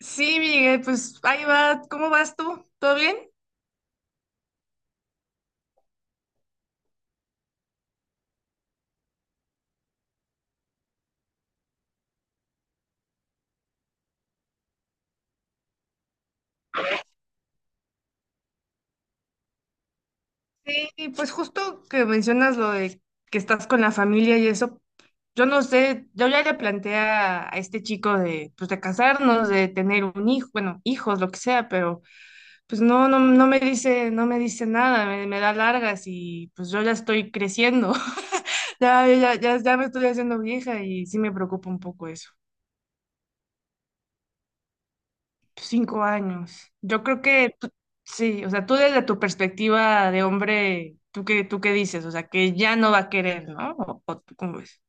Sí, Miguel, pues ahí va. ¿Cómo vas tú? ¿Todo bien? Sí, pues justo que mencionas lo de que estás con la familia y eso, yo no sé, yo ya le planteé a este chico de, pues de casarnos, de tener un hijo, bueno, hijos, lo que sea, pero pues no me dice, no me dice nada, me da largas y pues yo ya estoy creciendo, ya me estoy haciendo vieja y sí me preocupa un poco eso. 5 años. Yo creo que tú- sí, o sea, tú desde tu perspectiva de hombre, ¿ tú qué dices? O sea, que ya no va a querer, ¿no? ¿O tú cómo ves?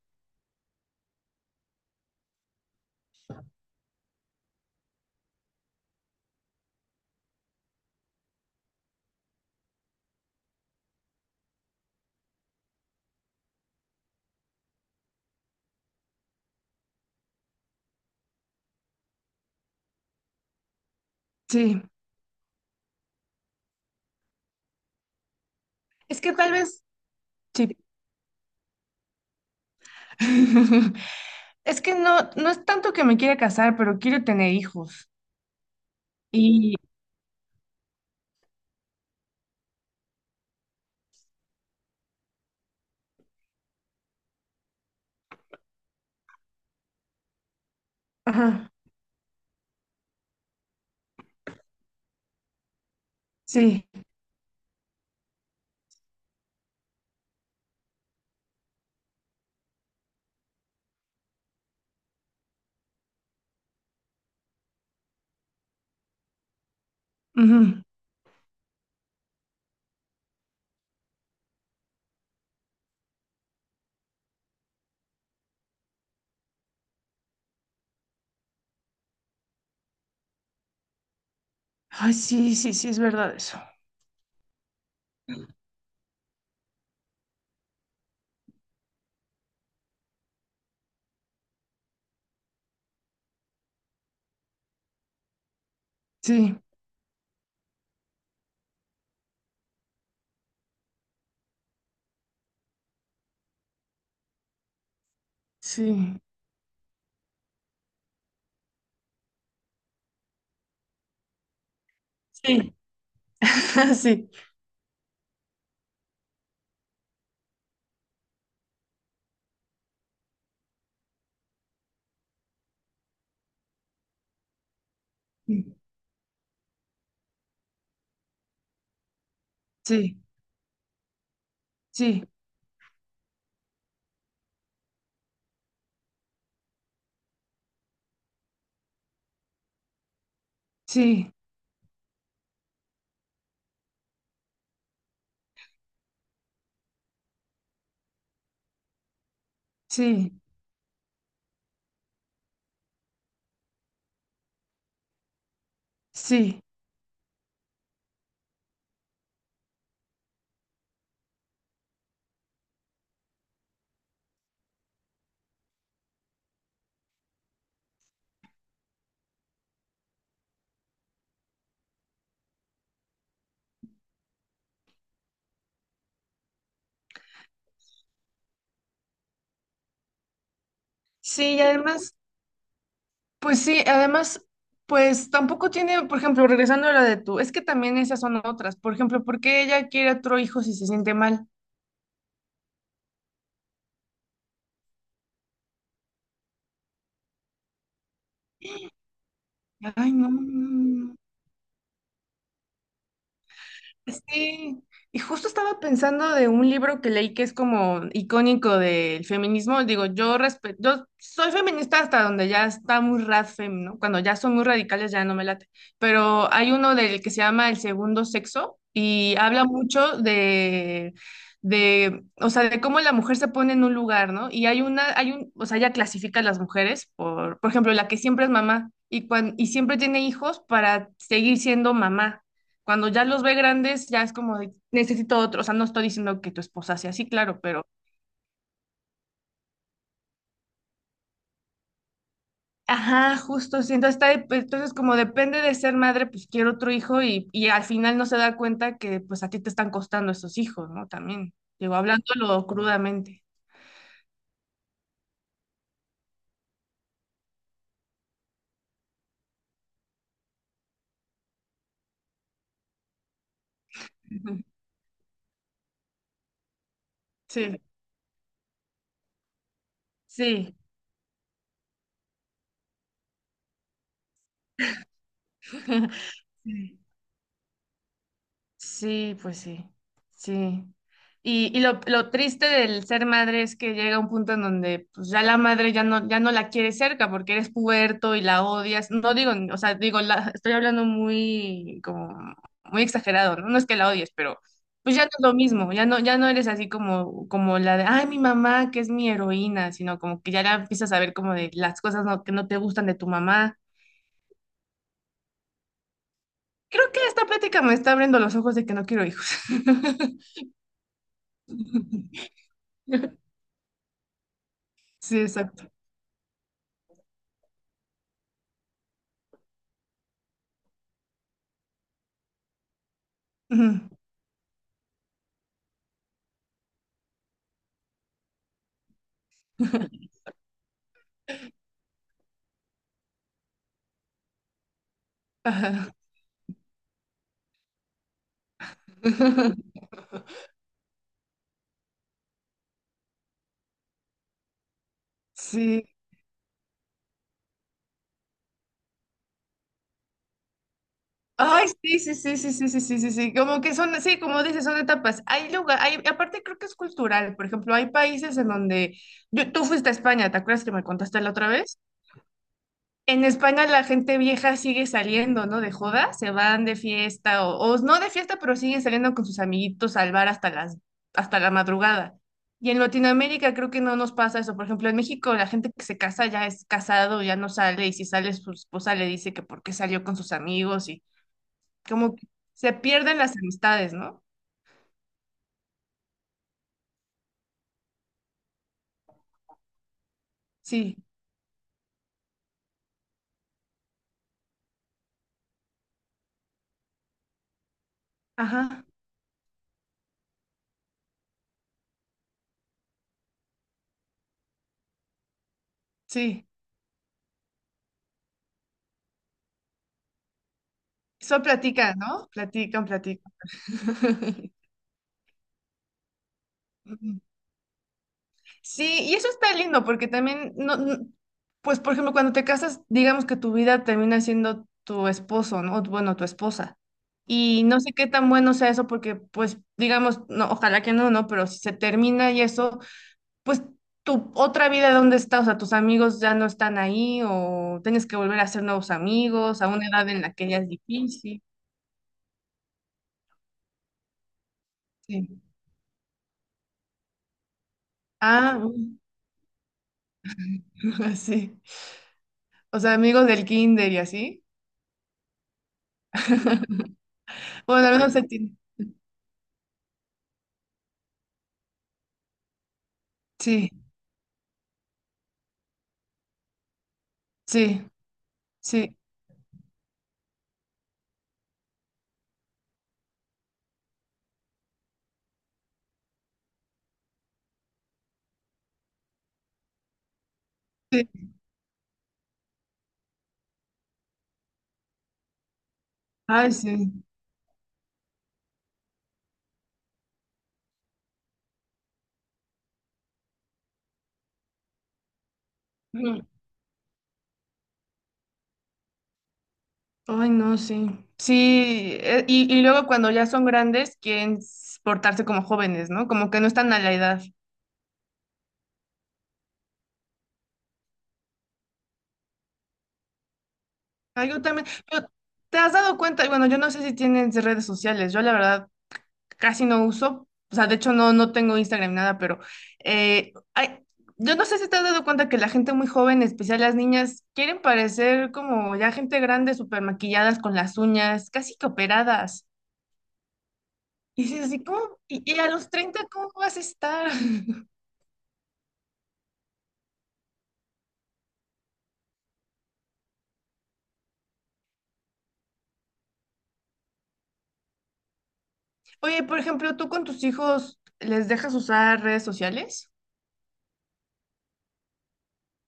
Sí, es que tal vez, sí. Es que no es tanto que me quiera casar, pero quiero tener hijos. Y, ajá, sí. Ujú. Ay, sí, sí, sí, es verdad eso. Sí, sí, sí, sí, sí, sí, sí, sí, sí. Sí, y además, pues sí, además, pues tampoco tiene, por ejemplo, regresando a la de tú, es que también esas son otras. Por ejemplo, ¿por qué ella quiere otro hijo si se siente mal? Ay, no, no, no, no. Sí, y justo estaba pensando de un libro que leí que es como icónico del feminismo. Digo, yo respeto, yo soy feminista hasta donde ya está muy radfem, ¿no? Cuando ya son muy radicales ya no me late. Pero hay uno del que se llama El Segundo Sexo y habla mucho de, o sea, de cómo la mujer se pone en un lugar, ¿no? Hay un, o sea, ella clasifica a las mujeres por ejemplo, la que siempre es mamá y y siempre tiene hijos para seguir siendo mamá. Cuando ya los ve grandes, ya es como de, necesito otro. O sea, no estoy diciendo que tu esposa sea así, claro, pero, ajá, justo, sí. Entonces, entonces como depende de ser madre, pues quiero otro hijo y al final no se da cuenta que pues a ti te están costando esos hijos, ¿no? También, digo, hablándolo crudamente. Sí, sí. Sí, pues sí, sí. Y lo triste del ser madre es que llega un punto en donde pues, ya la madre ya no, ya no la quiere cerca porque eres puberto y la odias. No digo, o sea, digo, la, estoy hablando muy, como, muy exagerado, ¿no? No es que la odies, pero pues ya no es lo mismo, ya no eres así como, como la de, ay, mi mamá, que es mi heroína, sino como que ya la empiezas a ver como de las cosas no- que no te gustan de tu mamá. Creo que esta plática me está abriendo los ojos de que no quiero hijos. Sí, exacto. Ujú. Ajá. Sí. Ay, sí, sí, sí, sí, sí, sí, sí, sí, sí. Como que son, sí, como dices, son etapas. Hay lugar, hay, aparte creo que es cultural. Por ejemplo, hay países en donde tú fuiste a España, ¿te acuerdas que me contaste la otra vez? En España la gente vieja sigue saliendo, ¿no? De joda, se van de fiesta o no de fiesta, pero siguen saliendo con sus amiguitos al bar hasta la madrugada. Y en Latinoamérica creo que no nos pasa eso. Por ejemplo, en México la gente que se casa ya es casado, ya no sale, y si sale su esposa le dice que por qué salió con sus amigos y como que se pierden las amistades, ¿no? Sí, ajá, sí. Eso platican, ¿no? Platican, platican. Sí, y eso está lindo porque también, pues por ejemplo, cuando te casas, digamos que tu vida termina siendo tu esposo, ¿no? O, bueno, tu esposa. Y no sé qué tan bueno sea eso porque, pues, digamos, no, ojalá que no, ¿no? Pero si se termina y eso, pues tu otra vida, ¿dónde está? O sea, tus amigos ya no están ahí o tienes que volver a hacer nuevos amigos a una edad en la que ya es difícil. Sí. Ah, sí. O sea, amigos del kinder y así. Bueno, al menos se tiene. Sí, sí, sí. Sí. Ay, sí. Mm. Ay, no, sí. Sí, y luego cuando ya son grandes quieren portarse como jóvenes, ¿no? Como que no están a la edad. Ay, yo también. Pero, ¿te has dado cuenta? Y bueno, yo no sé si tienes redes sociales. Yo la verdad casi no uso. O sea, de hecho no tengo Instagram ni nada, pero eh, ay, yo no sé si te has dado cuenta que la gente muy joven, en especial las niñas, quieren parecer como ya gente grande, súper maquilladas con las uñas, casi que operadas. Y dices así, ¿cómo? Y a los 30 ¿cómo vas a estar? Oye, por ejemplo, ¿tú con tus hijos les dejas usar redes sociales?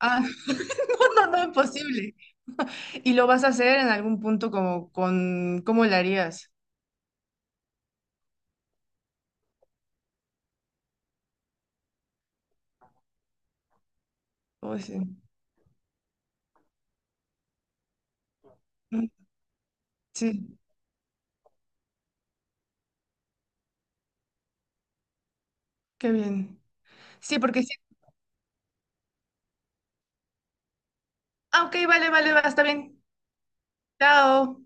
Ah, no, no, no, imposible. ¿Y lo vas a hacer en algún punto cómo lo harías? Oh, sí. Mm, sí, qué bien. Sí, porque sí. Ah, ok, vale, vale, va, está bien. Chao.